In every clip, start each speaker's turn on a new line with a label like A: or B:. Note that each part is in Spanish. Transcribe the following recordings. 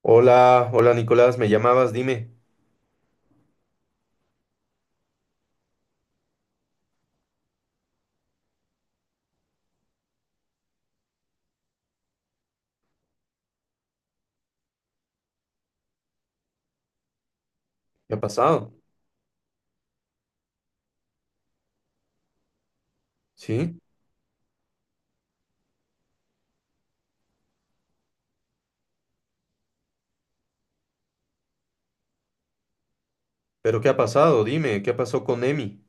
A: Hola, hola Nicolás, me llamabas, dime, ¿qué ha pasado? ¿Sí? ¿Pero qué ha pasado? Dime, ¿qué pasó con Emi?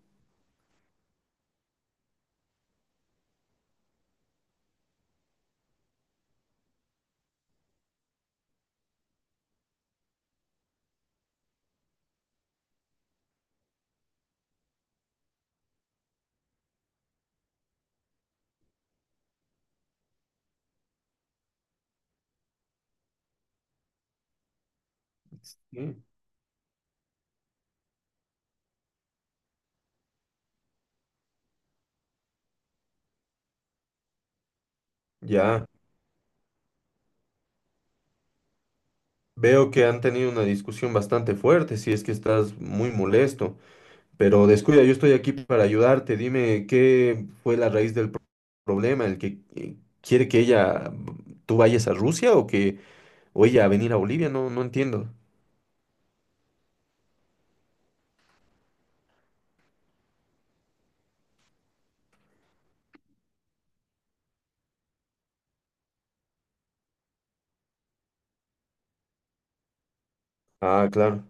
A: Sí. Ya, veo que han tenido una discusión bastante fuerte, si es que estás muy molesto, pero descuida, yo estoy aquí para ayudarte, dime qué fue la raíz del problema, el que quiere que ella, tú vayas a Rusia o que, o ella a venir a Bolivia, no, no entiendo. Ah, claro.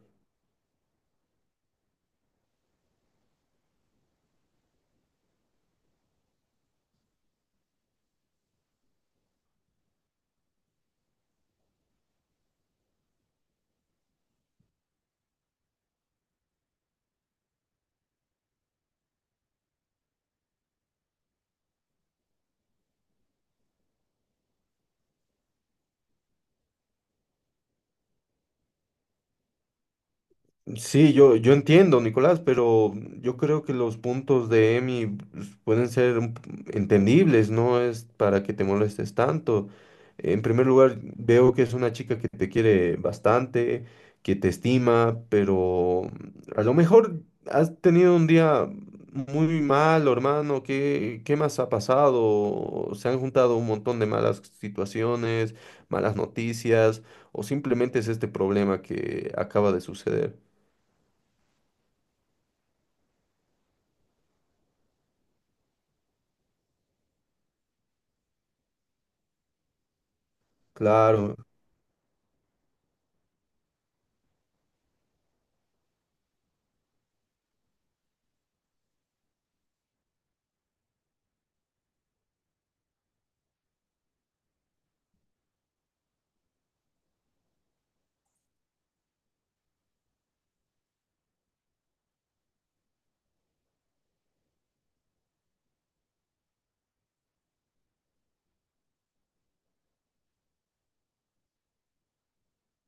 A: Sí, yo entiendo, Nicolás, pero yo creo que los puntos de Emi pues, pueden ser un entendibles, no es para que te molestes tanto. En primer lugar, veo que es una chica que te quiere bastante, que te estima, pero a lo mejor has tenido un día muy malo, hermano. ¿Qué, qué más ha pasado? Se han juntado un montón de malas situaciones, malas noticias, o simplemente es este problema que acaba de suceder. Claro,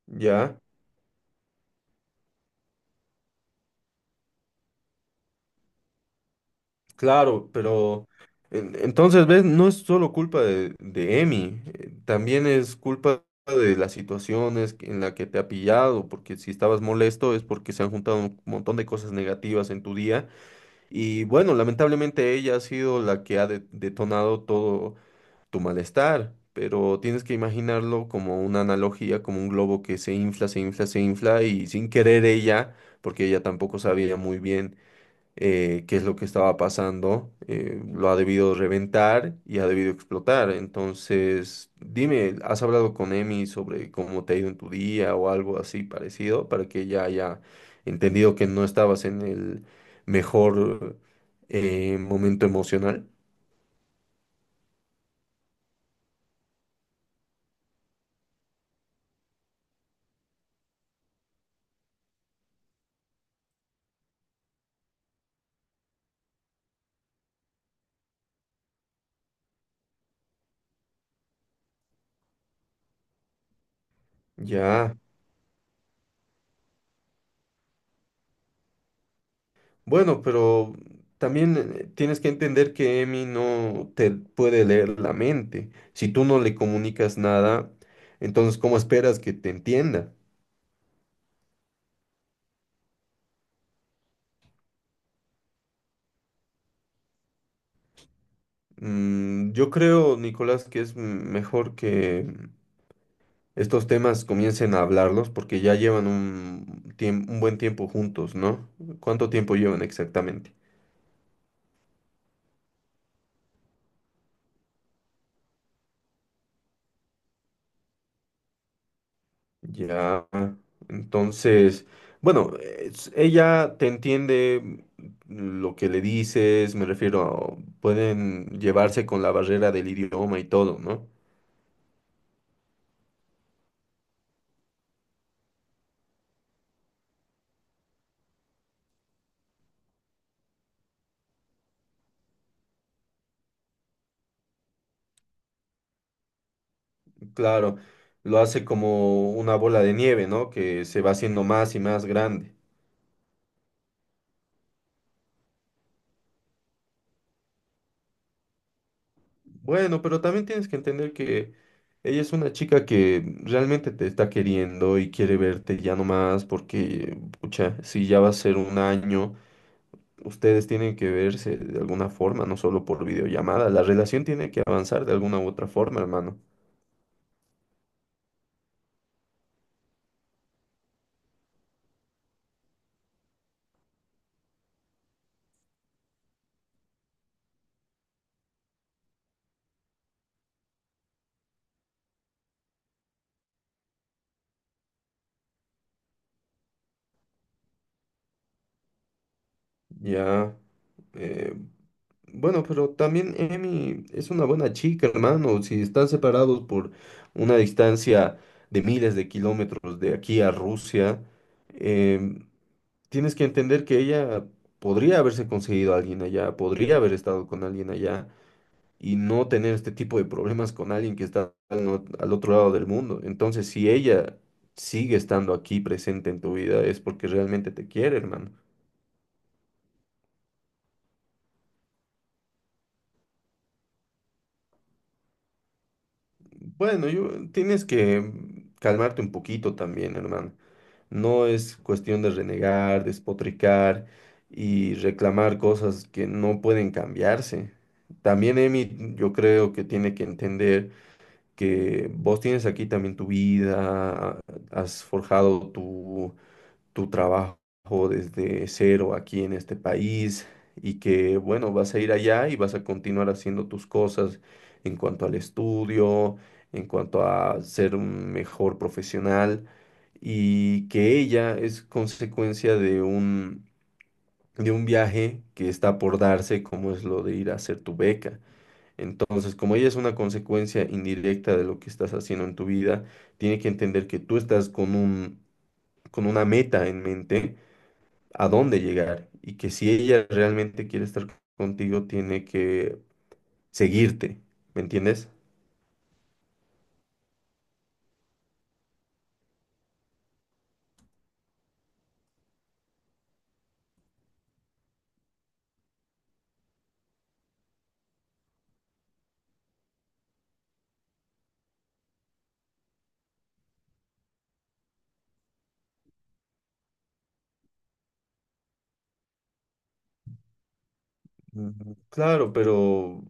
A: ya, claro, pero entonces, ¿ves? No es solo culpa de Emi, también es culpa de las situaciones en la que te ha pillado, porque si estabas molesto es porque se han juntado un montón de cosas negativas en tu día y bueno, lamentablemente ella ha sido la que ha detonado todo tu malestar, pero tienes que imaginarlo como una analogía, como un globo que se infla, se infla, se infla y sin querer ella, porque ella tampoco sabía muy bien qué es lo que estaba pasando, lo ha debido reventar y ha debido explotar. Entonces, dime, ¿has hablado con Emi sobre cómo te ha ido en tu día o algo así parecido para que ella haya entendido que no estabas en el mejor momento emocional? Ya, bueno, pero también tienes que entender que Emi no te puede leer la mente. Si tú no le comunicas nada, entonces, ¿cómo esperas que te entienda? Yo creo, Nicolás, que es mejor que estos temas comiencen a hablarlos porque ya llevan un, un buen tiempo juntos, ¿no? ¿Cuánto tiempo llevan exactamente? Ya, entonces, bueno, ella te entiende lo que le dices, me refiero, pueden llevarse con la barrera del idioma y todo, ¿no? Claro, lo hace como una bola de nieve, ¿no? Que se va haciendo más y más grande. Bueno, pero también tienes que entender que ella es una chica que realmente te está queriendo y quiere verte ya nomás porque, pucha, si ya va a ser un año, ustedes tienen que verse de alguna forma, no solo por videollamada. La relación tiene que avanzar de alguna u otra forma, hermano. Ya. eh, bueno, pero también Emi es una buena chica, hermano. Si están separados por una distancia de miles de kilómetros de aquí a Rusia. em, tienes que entender que ella podría haberse conseguido a alguien allá, podría haber estado con alguien allá y no tener este tipo de problemas con alguien que está al, al otro lado del mundo. Entonces, si ella sigue estando aquí presente en tu vida, es porque realmente te quiere, hermano. Bueno, yo, tienes que calmarte un poquito también, hermano. No es cuestión de renegar, despotricar y reclamar cosas que no pueden cambiarse. También Emi, yo creo que tiene que entender que vos tienes aquí también tu vida, has forjado tu, tu trabajo desde cero aquí en este país y que, bueno, vas a ir allá y vas a continuar haciendo tus cosas en cuanto al estudio, en cuanto a ser un mejor profesional y que ella es consecuencia de un viaje que está por darse, como es lo de ir a hacer tu beca. Entonces, como ella es una consecuencia indirecta de lo que estás haciendo en tu vida, tiene que entender que tú estás con un, con una meta en mente a dónde llegar y que si ella realmente quiere estar contigo, tiene que seguirte, ¿me entiendes? Claro, pero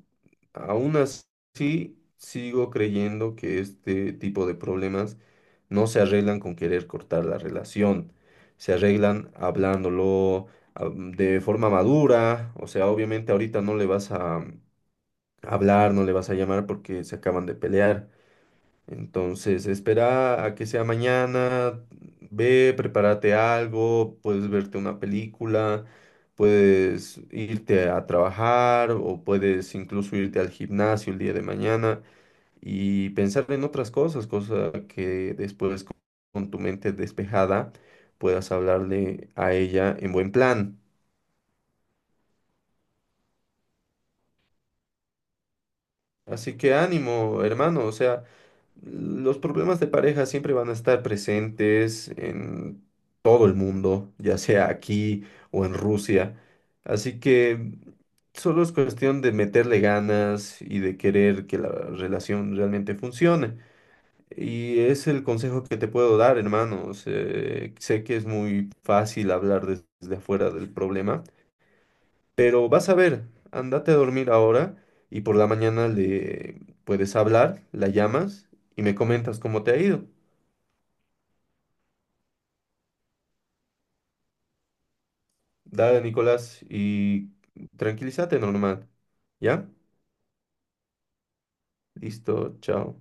A: aún así sigo creyendo que este tipo de problemas no se arreglan con querer cortar la relación, se arreglan hablándolo de forma madura, o sea, obviamente ahorita no le vas a hablar, no le vas a llamar porque se acaban de pelear. Entonces, espera a que sea mañana, ve, prepárate algo, puedes verte una película, puedes irte a trabajar o puedes incluso irte al gimnasio el día de mañana y pensar en otras cosas, cosa que después con tu mente despejada puedas hablarle a ella en buen plan. Así que ánimo, hermano, o sea... Los problemas de pareja siempre van a estar presentes en todo el mundo, ya sea aquí o en Rusia. Así que solo es cuestión de meterle ganas y de querer que la relación realmente funcione. Y es el consejo que te puedo dar, hermanos. Sé que es muy fácil hablar desde afuera del problema, pero vas a ver, andate a dormir ahora y por la mañana le puedes hablar, la llamas y me comentas cómo te ha ido. Dale, Nicolás, y tranquilízate normal. ¿Ya? Listo, chao.